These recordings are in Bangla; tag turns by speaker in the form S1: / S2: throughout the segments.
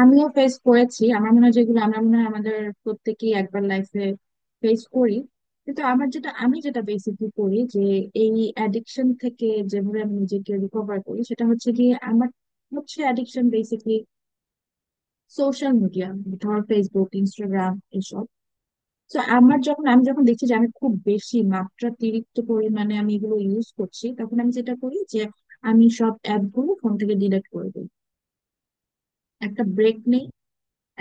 S1: আমিও ফেস করেছি। আমার মনে হয় যেগুলো আমরা মনে হয় আমাদের প্রত্যেকেই একবার লাইফে ফেস করি। কিন্তু আমার যেটা আমি যেটা বেসিকলি করি যে এই অ্যাডিকশন থেকে যেভাবে আমি নিজেকে রিকভার করি, সেটা হচ্ছে গিয়ে আমার হচ্ছে অ্যাডিকশন বেসিকলি সোশ্যাল মিডিয়া, ধর ফেসবুক, ইনস্টাগ্রাম এসব। তো আমার যখন আমি যখন দেখছি যে আমি খুব বেশি মাত্রাতিরিক্ত পরিমাণে আমি এগুলো ইউজ করছি, তখন আমি যেটা করি যে আমি সব অ্যাপগুলো ফোন থেকে ডিলিট করে দিই। একটা ব্রেক নেই।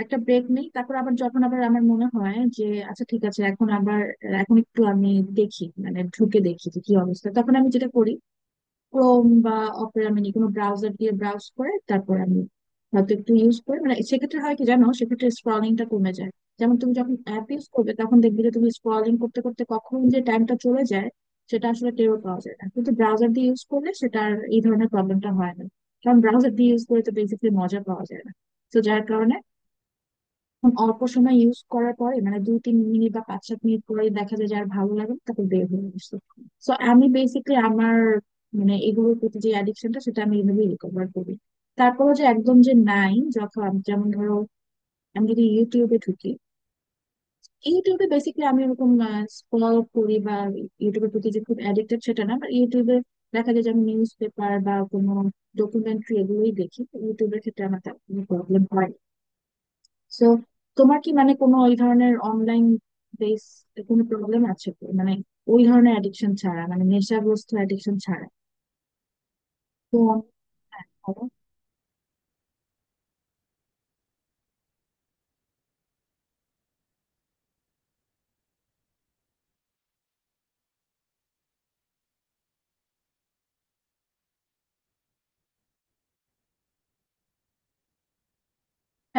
S1: একটা ব্রেক নেই, তারপর আবার যখন আমার মনে হয় যে আচ্ছা, ঠিক আছে, এখন আবার এখন একটু আমি দেখি, মানে ঢুকে দেখি যে কি অবস্থা, তখন আমি যেটা করি ক্রোম বা অপেরা মিনি, কোনো ব্রাউজার দিয়ে ব্রাউজ করে তারপর আমি হয়তো একটু ইউজ করে মানে সেক্ষেত্রে হয় কি জানো, সেক্ষেত্রে স্ক্রলিংটা কমে যায়। যেমন তুমি যখন অ্যাপ ইউজ করবে তখন দেখবে যে তুমি স্ক্রলিং করতে করতে কখন যে টাইমটা চলে যায় সেটা আসলে টেরও পাওয়া যায় না, কিন্তু ব্রাউজার দিয়ে ইউজ করলে সেটা আর এই ধরনের প্রবলেমটা হয় না। কারণ ব্রাউজার দিয়ে ইউজ করে তো বেসিক্যালি মজা পাওয়া যায় না, তো যার কারণে এখন অল্প সময় ইউজ করার পরে মানে 2-3 মিনিট বা 5-7 মিনিট পরে দেখা যায় যে আর ভালো লাগে না, তারপর বের হয়ে আসছে। সো আমি বেসিকলি আমার মানে এগুলোর প্রতি যে অ্যাডিকশনটা সেটা আমি এইভাবেই রিকভার করি। তারপরও যে একদম যে নাই, যখন যেমন ধরো আমি যদি ইউটিউবে ঢুকি, ইউটিউবে বেসিক্যালি আমি এরকম স্ক্রল করি বা ইউটিউবের প্রতি যে খুব অ্যাডিক্টেড সেটা না, বাট ইউটিউবে দেখা যায় যে আমি নিউজ পেপার বা কোনো ডকুমেন্টরি এগুলোই দেখি। ইউটিউবের ক্ষেত্রে আমার তেমন কোনো প্রবলেম হয় না। সো তোমার কি মানে কোনো ওই ধরনের অনলাইন বেস কোনো প্রবলেম আছে কি? মানে ওই ধরনের অ্যাডিকশন ছাড়া মানে নেশাগ্রস্ত অ্যাডিকশন ছাড়া তো অনেক ভালো।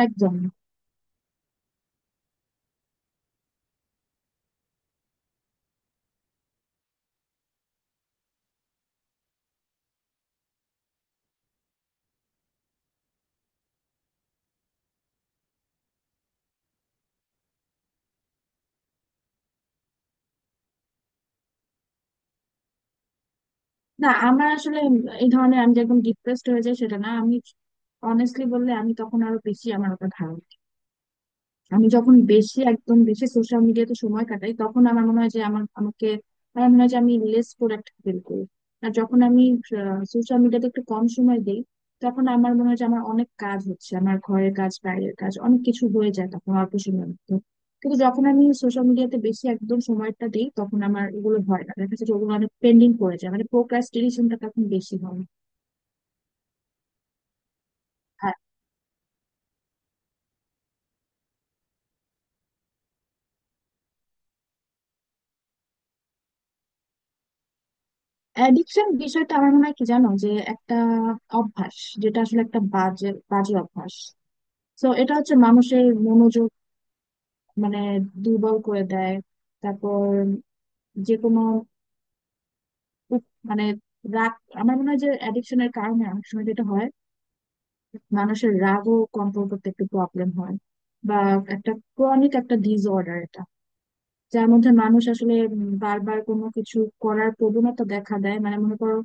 S1: একদম না। না, আমার আসলে এই ধরনের আমি যে একদম ডিপ্রেসড হয়ে যাই সেটা না। আমি অনেস্টলি বললে আমি তখন আরো বেশি আমার ওপর ধারণা, আমি যখন বেশি একদম বেশি সোশ্যাল মিডিয়াতে সময় কাটাই তখন আমার মনে হয় যে আমার আমাকে আমার মনে হয় যে আমি লেস প্রোডাক্টিভ ফিল করি। আর যখন আমি সোশ্যাল মিডিয়াতে একটু কম সময় দিই, তখন আমার মনে হয় যে আমার অনেক কাজ হচ্ছে, আমার ঘরের কাজ, বাইরের কাজ অনেক কিছু হয়ে যায় তখন অল্প সময়ের মধ্যে। কিন্তু যখন আমি সোশ্যাল মিডিয়াতে বেশি একদম সময়টা দিই তখন আমার এগুলো হয় না, দেখা যাচ্ছে যে ওগুলো অনেক পেন্ডিং পড়ে যায়, মানে প্রোক্রাস্টিনেশনটা তখন বেশি হয়। অ্যাডিকশন বিষয়টা আমার মনে হয় কি জানো, যে একটা অভ্যাস, যেটা আসলে একটা বাজে বাজে অভ্যাস। তো এটা হচ্ছে মানুষের মনোযোগ মানে দুর্বল করে দেয়। তারপর যে কোনো মানে রাগ, আমার মনে হয় যে অ্যাডিকশনের কারণে অনেক সময় যেটা হয়, মানুষের রাগও কন্ট্রোল করতে একটু প্রবলেম হয়। বা একটা ক্রনিক একটা ডিসঅর্ডার এটা, যার মধ্যে মানুষ আসলে বারবার কোনো কিছু করার প্রবণতা দেখা দেয়। মানে মনে করো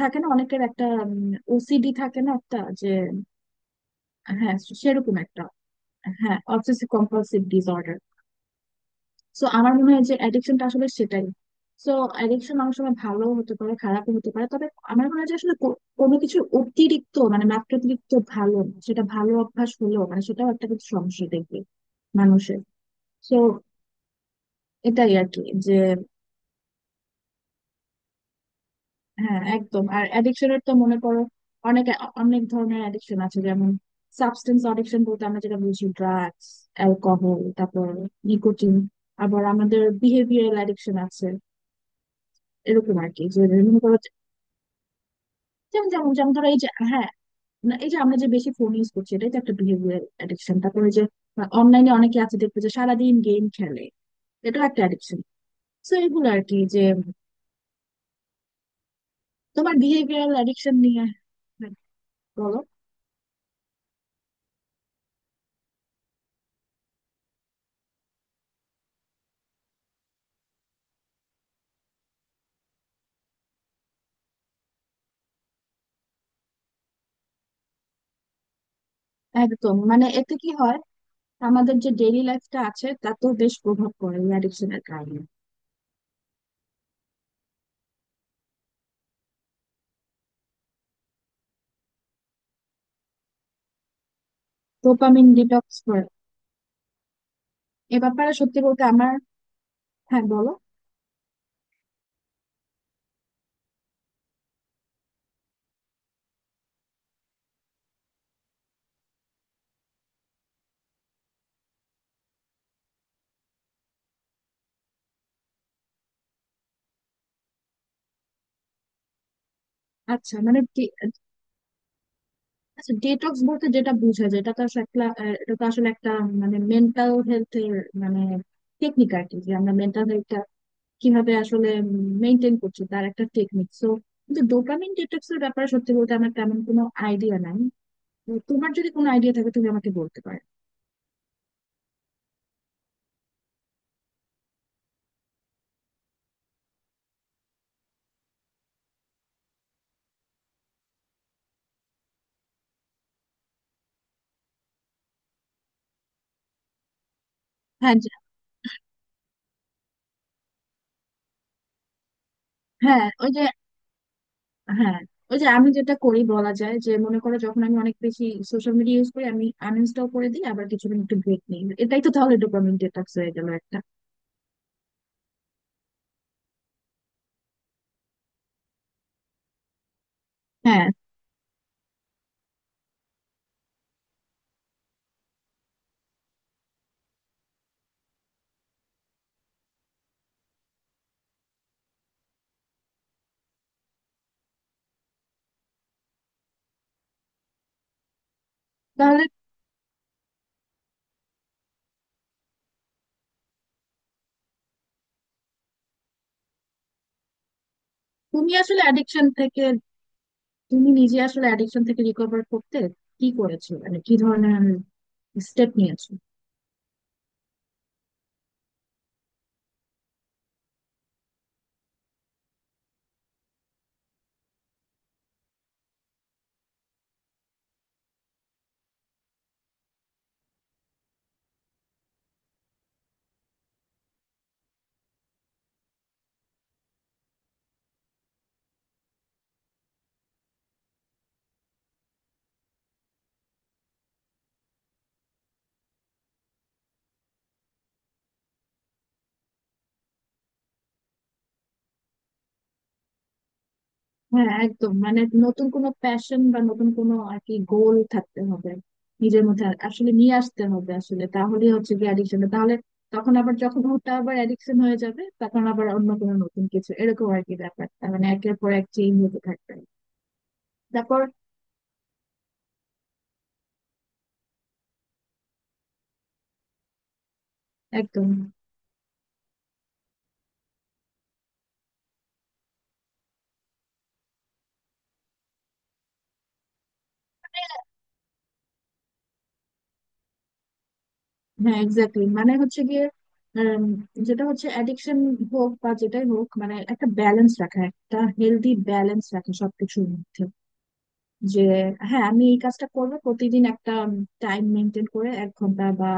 S1: থাকে না, অনেকের একটা ওসিডি থাকে না একটা, যে হ্যাঁ সেরকম একটা, হ্যাঁ অবসেসিভ কম্পালসিভ ডিসঅর্ডার। সো আমার মনে হয় যে অ্যাডিকশনটা আসলে সেটাই। সো অ্যাডিকশন অনেক সময় ভালো হতে পারে, খারাপও হতে পারে, তবে আমার মনে হয় যে আসলে কোনো কিছু অতিরিক্ত মানে মাত্রাতিরিক্ত ভালো না। সেটা ভালো অভ্যাস হলেও মানে সেটাও একটা কিছু সমস্যা দেখবে মানুষের। তো এটাই আর কি যে, হ্যাঁ একদম। আর অ্যাডিকশনের তো মনে করো অনেক অনেক ধরনের অ্যাডিকশন আছে, যেমন সাবস্টেন্স অ্যাডিকশন বলতে আমরা যেটা বুঝি ড্রাগস, অ্যালকোহল, তারপর নিকোটিন। আবার আমাদের বিহেভিয়ারাল অ্যাডিকশন আছে এরকম আর কি। যে মনে করো যেমন যেমন যেমন ধরো এই যে, হ্যাঁ না, এই যে আমরা যে বেশি ফোন ইউজ করছি এটাই তো একটা বিহেভিয়ারাল অ্যাডিকশন। তারপরে যে অনলাইনে অনেকে আছে দেখবে যে সারাদিন গেম খেলে, এটাও একটা অ্যাডিকশন। তো এগুলো আর কি যে তোমার বিহেভিয়ারাল অ্যাডিকশন নিয়ে, হ্যাঁ, বলো। একদম, মানে এতে কি হয় আমাদের যে ডেইলি লাইফটা আছে তাতেও বেশ প্রভাব পড়ে এই অ্যাডিকশনের কারণে। ডোপামিন ডিটক্স করে এ ব্যাপারে সত্যি বলতে আমার, হ্যাঁ বলো। আচ্ছা মানে আচ্ছা ডিটক্স বলতে যেটা বোঝা যায় এটা তো আসলে একটা এটা তো আসলে একটা মানে মেন্টাল হেলথের মানে টেকনিক আর কি। যে আমরা মেন্টাল হেলথটা কিভাবে আসলে মেনটেন করছি তার একটা টেকনিক। সো কিন্তু ডোপামিন ডিটক্স এর ব্যাপারে সত্যি বলতে আমার তেমন কোনো আইডিয়া নাই। তো তোমার যদি কোনো আইডিয়া থাকে তুমি আমাকে বলতে পারো। হ্যাঁ যে- হ্যাঁ ওই যে হ্যাঁ ওই যে আমি যেটা করি বলা যায় যে মনে করো, যখন আমি অনেক বেশি সোশ্যাল মিডিয়া ইউজ করি, আমি আনইনস্টল করে দিই, আবার কিছুদিন একটু ব্রেক নিই, এটাই তো তাহলে ডোপামিন ডিটক্স হয়ে গেল একটা। হ্যাঁ তাহলে তুমি আসলে অ্যাডিকশন থেকে, তুমি নিজে আসলে অ্যাডিকশন থেকে রিকভার করতে কি করেছো, মানে কি ধরনের স্টেপ নিয়েছো? হ্যাঁ একদম, মানে নতুন কোনো প্যাশন বা নতুন কোনো আর কি গোল থাকতে হবে নিজের মধ্যে। আসলে নিয়ে আসতে হবে, আসলে তাহলেই হচ্ছে কি অ্যাডিকশন তাহলে, তখন আবার যখন ওটা আবার অ্যাডিকশন হয়ে যাবে তখন আবার অন্য কোনো নতুন কিছু, এরকম আর কি ব্যাপারটা মানে একের পর এক চেঞ্জ হতে থাকবে। তারপর একদম, হ্যাঁ এক্স্যাক্টলি, মানে হচ্ছে গিয়ে উম, যেটা হচ্ছে অ্যাডিকশন হোক বা যেটাই হোক, মানে একটা ব্যালেন্স রাখা, একটা হেলদি ব্যালেন্স রাখা সবকিছুর মধ্যে। যে হ্যাঁ আমি এই কাজটা করব প্রতিদিন একটা টাইম মেনটেন করে 1 ঘন্টা বা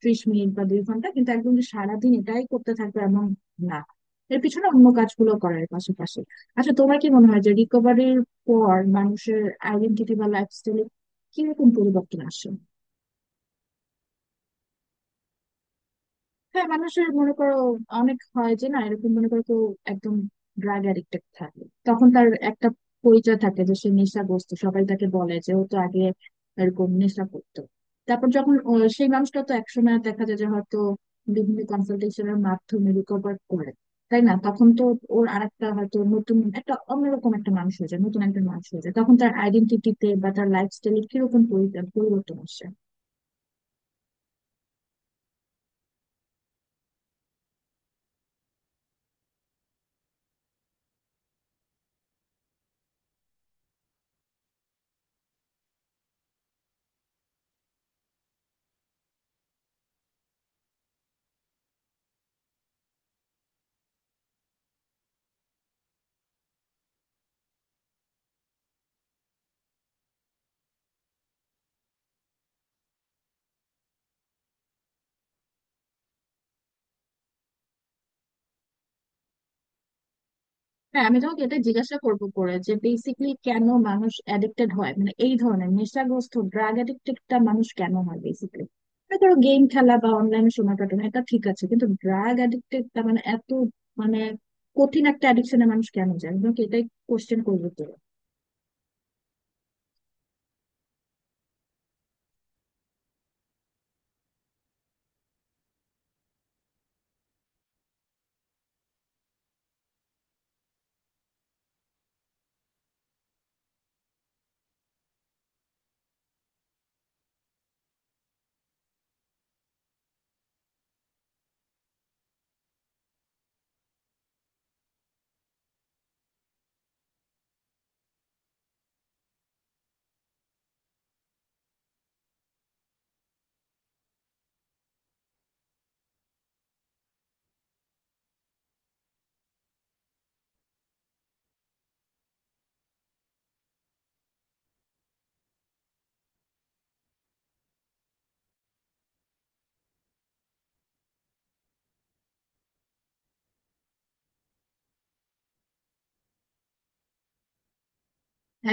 S1: 30 মিনিট বা 2 ঘন্টা, কিন্তু একদম যে সারাদিন এটাই করতে থাকবে এমন না। এর পিছনে অন্য কাজগুলো করার পাশাপাশি। আচ্ছা তোমার কি মনে হয় যে রিকভারির পর মানুষের আইডেন্টিটি বা লাইফস্টাইলে কিরকম পরিবর্তন আসে? হ্যাঁ মানুষের মনে করো অনেক হয় যে না এরকম, মনে করো কেউ একদম ড্রাগ অ্যাডিক্টেড থাকে, তখন তার একটা পরিচয় থাকে যে সে নেশাগ্রস্ত, সবাই তাকে বলে যে ও তো আগে এরকম নেশা করতো। তারপর যখন সেই মানুষটা তো একসময় দেখা যায় যে হয়তো বিভিন্ন কনসালটেশনের মাধ্যমে রিকভার করে, তাই না? তখন তো ওর আরেকটা হয়তো নতুন একটা অন্যরকম একটা মানুষ হয়ে যায়, নতুন একটা মানুষ হয়ে যায়, তখন তার আইডেন্টিটিতে বা তার লাইফস্টাইলে কিরকম পরিবর্তন আসে? হ্যাঁ আমি তোমাকে এটা জিজ্ঞাসা করবো করে যে বেসিকলি কেন মানুষ অ্যাডিক্টেড হয়, মানে এই ধরনের নেশাগ্রস্ত ড্রাগ অ্যাডিক্টেডটা মানুষ কেন হয় বেসিকলি। ধরো গেম খেলা বা অনলাইনে সময় কাটানো এটা ঠিক আছে, কিন্তু ড্রাগ অ্যাডিক্টেডটা মানে এত মানে কঠিন একটা অ্যাডিকশনে মানুষ কেন যায়, আমি তোমাকে এটাই কোশ্চেন করবো তো।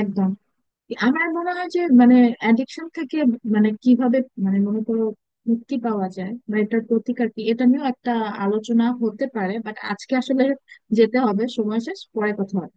S1: একদম, আমার মনে হয় যে মানে অ্যাডিকশন থেকে মানে কিভাবে মানে মনে করো মুক্তি পাওয়া যায় বা এটার প্রতিকার কি এটা নিয়েও একটা আলোচনা হতে পারে, বাট আজকে আসলে যেতে হবে, সময় শেষ, পরে কথা হবে।